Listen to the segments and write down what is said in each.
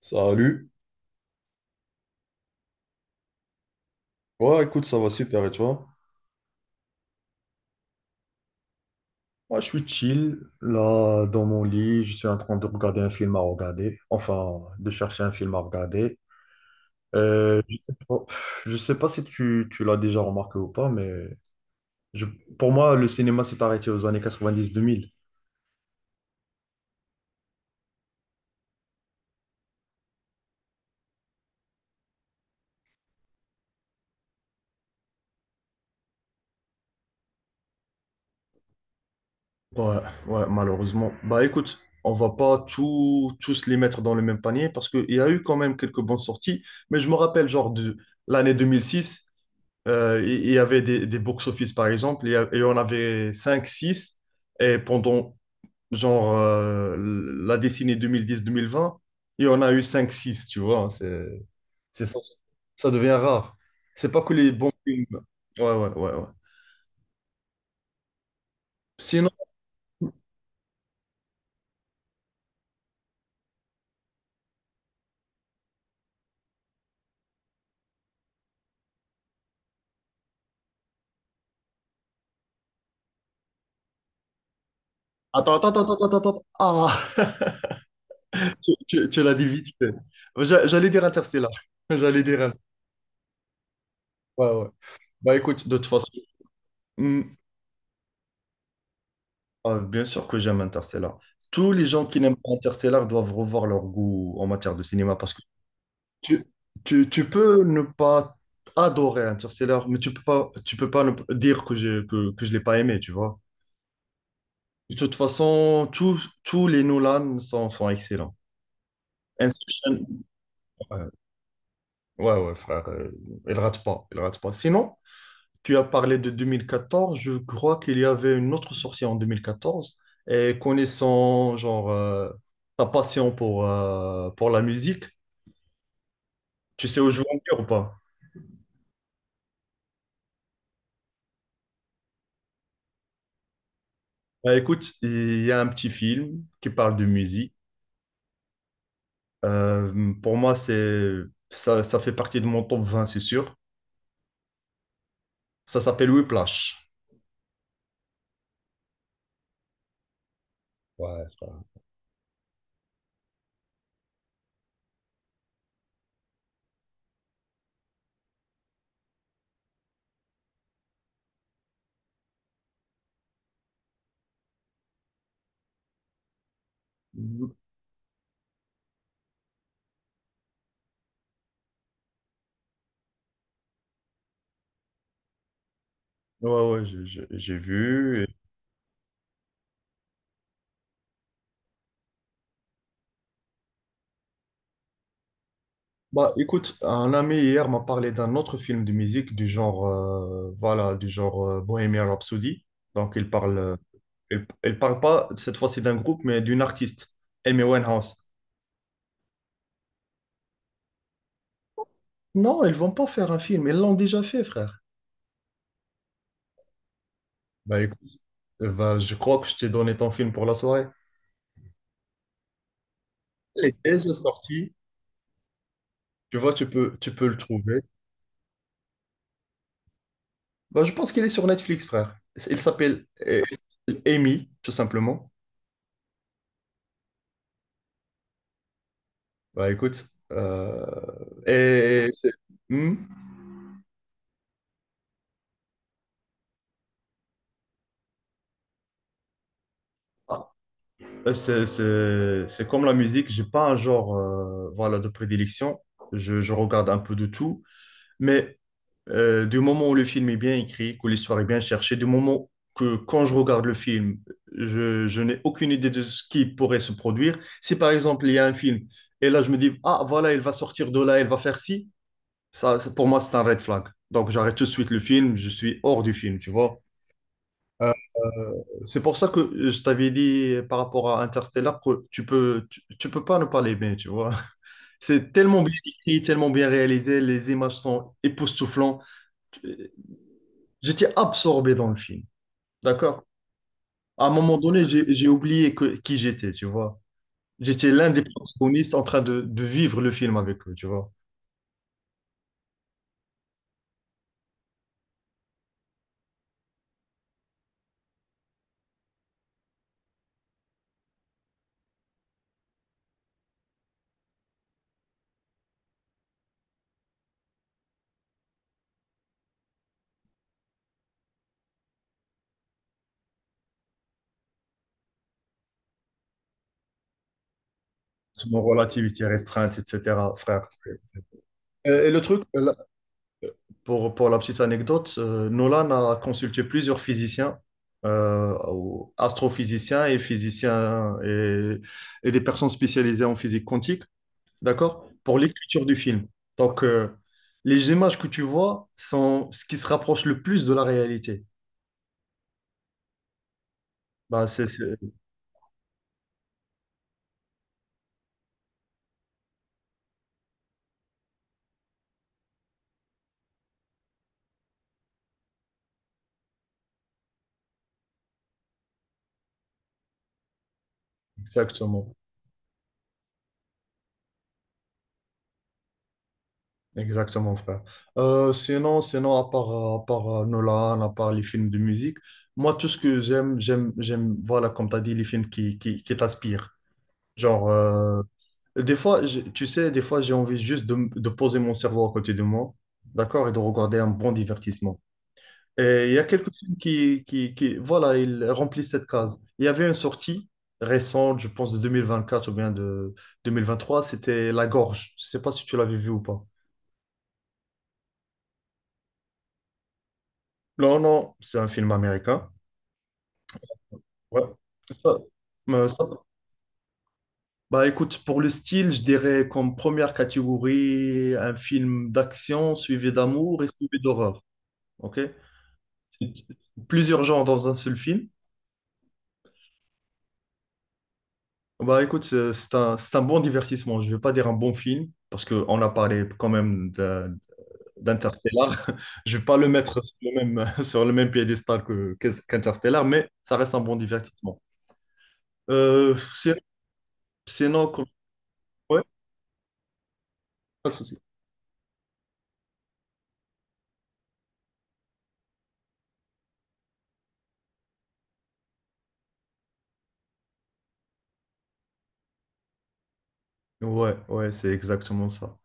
Salut. Ouais, écoute, ça va super et toi? Moi, je suis chill, là, dans mon lit, je suis en train de regarder un film à regarder, enfin, de chercher un film à regarder. Euh, je sais pas, je sais pas si tu l'as déjà remarqué ou pas, mais je- pour moi, le cinéma s'est arrêté aux années 90-2000. Ouais, ouais, malheureusement. Bah écoute, on va pas tout, tous les mettre dans le même panier parce qu'il y a eu quand même quelques bonnes sorties, mais je me rappelle genre de l'année 2006. Il y avait des box-office, par exemple, et on avait 5 six. Et pendant, genre, la décennie 2010-2020, il y en a eu 5 six, tu vois. Hein, c'est ça. Ça devient rare. C'est pas que les bons films. Ouais, ouais, ouais, ouais. Sinon, attends, attends, attends, attends, attends, attends. Ah, tu l'as dit vite fait. J'allais dire Interstellar. J'allais dire Inter-. Ouais, ouais. Bah écoute, de toute façon. Hmm. Ah, bien sûr que j'aime Interstellar. Tous les gens qui n'aiment pas Interstellar doivent revoir leur goût en matière de cinéma, parce que tu, tu peux ne pas adorer Interstellar, mais tu peux pas ne p- dire que que je l'ai pas aimé, tu vois. De toute façon, tous les Nolan sont excellents. Inception, ouais, ouais, ouais, frère, il rate pas, il rate pas. Sinon, tu as parlé de 2014, je crois qu'il y avait une autre sortie en 2014. Et connaissant genre ta passion pour la musique, tu sais où je veux en venir ou pas? Bah, écoute, il y a un petit film qui parle de musique. Pour moi, c'est ça. Ça fait partie de mon top 20, c'est sûr. Ça s'appelle Whiplash. Ouais, ça- Ouais, ouais, j'ai vu. Bah, écoute, un ami hier m'a parlé d'un autre film de musique du genre, voilà, du genre Bohemian Rhapsody. Donc, il parle pas cette fois-ci d'un groupe, mais d'une artiste, Amy Winehouse. Non, ils vont pas faire un film, ils l'ont déjà fait, frère. Bah, écoute, bah, je crois que je t'ai donné ton film pour la soirée. Il est déjà sorti, tu vois, tu peux le trouver. Bah, je pense qu'il est sur Netflix, frère. Il s'appelle Amy, tout simplement. Bah écoute, euh, et c'est hmm Ah. C'est comme la musique, j'ai pas un genre voilà, de prédilection. Je regarde un peu de tout, mais du moment où le film est bien écrit, que l'histoire est bien cherchée, du moment que quand je regarde le film, je n'ai aucune idée de ce qui pourrait se produire. Si par exemple il y a un film et là je me dis, ah voilà, il va sortir de là, il va faire ci, pour moi c'est un red flag. Donc j'arrête tout de suite le film, je suis hors du film, tu vois. Euh, euh, c'est pour ça que je t'avais dit par rapport à Interstellar que tu peux pas ne pas l'aimer, tu vois. C'est tellement bien écrit, tellement bien réalisé, les images sont époustouflantes. J'étais absorbé dans le film, d'accord? À un moment donné, j'ai oublié qui j'étais, tu vois. J'étais l'un des protagonistes en train de vivre le film avec eux, tu vois. Sur mon relativité restreinte, etc., frère. Et le truc, la. Pour la petite anecdote, Nolan a consulté plusieurs physiciens, ou astrophysiciens et physiciens et des personnes spécialisées en physique quantique, d'accord, pour l'écriture du film. Donc, les images que tu vois sont ce qui se rapproche le plus de la réalité. Bah, c'est, c'est- Exactement. Exactement, frère. Sinon, à part, Nolan, à part les films de musique, moi, tout ce que j'aime, voilà, comme tu as dit, les films qui t'aspirent. Genre, des fois, tu sais, des fois, j'ai envie juste de poser mon cerveau à côté de moi, d'accord, et de regarder un bon divertissement. Et il y a quelques films qui, voilà, ils remplissent cette case. Il y avait une sortie récente, je pense, de 2024 ou bien de deux mille vingt trois, c'était La Gorge. Je sais pas si tu l'avais vu ou pas. Non, non, c'est un film américain. Ouais. Ça- euh, ça- Bah écoute, pour le style, je dirais comme première catégorie, un film d'action suivi d'amour et suivi d'horreur. Ok? C'est Plusieurs genres dans un seul film. Bah écoute, c'est un bon divertissement. Je vais pas dire un bon film, parce qu'on a parlé quand même d'Interstellar. Je vais pas le mettre sur le même, sur le même piédestal qu'Interstellar, mais ça reste un bon divertissement. Euh, c'est- Sinon, ouais, pas de souci. Ouais, ouais, c'est exactement ça.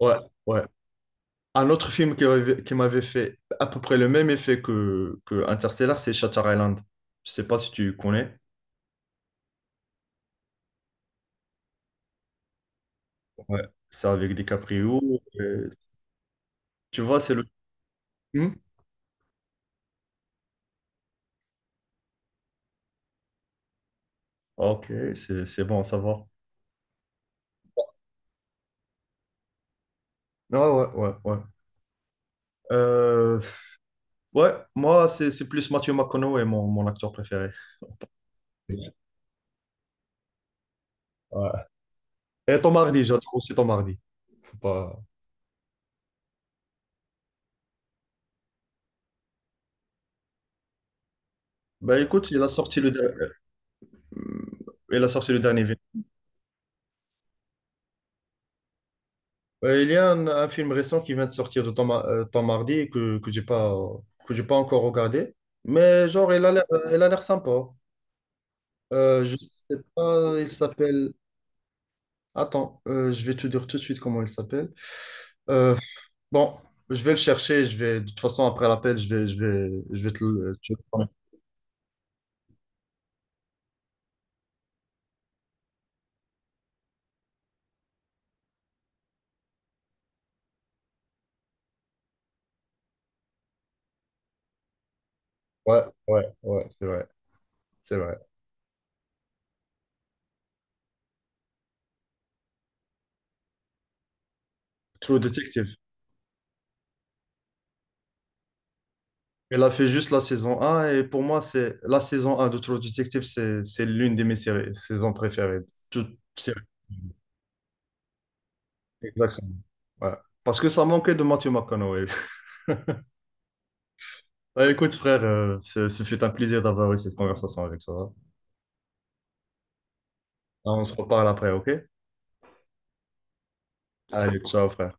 Ouais, ouais. Un autre film qui m'avait fait à peu près le même effet que Interstellar, c'est Shutter Island. Je sais pas si tu connais. Ouais. C'est avec DiCaprio. euh, Tu vois, c'est le... Hmm. Ok, c'est bon à savoir. Ah ouais, ouais, ouais. Euh, ouais, moi, c'est plus Matthew McConaughey, mon acteur préféré. Ouais. Et Tom Hardy, j'adore aussi Tom Hardy. Faut pas... Bah écoute, il a sorti Hmm, il a sorti le dernier. Il y a un film récent qui vient de sortir de temps, temps mardi, que j'ai pas encore regardé. Mais genre, il a l'air sympa. Je sais pas, il s'appelle... Attends, je vais te dire tout de suite comment il s'appelle. Euh, bon, je vais le chercher. Je vais, de toute façon, après l'appel, je vais te le... tu. Ouais, ouais, ouais, c'est vrai, c'est vrai. True Detective. Elle a fait juste la saison un et pour moi, c'est la saison un de True Detective, c'est l'une de mes séries, saisons préférées. Toute série. Exactement. Ouais. Parce que ça manquait de Matthew McConaughey. Bah, écoute, frère, ce fut un plaisir d'avoir eu cette conversation avec toi. On se reparle après, ok? Ça Allez, ciao, frère.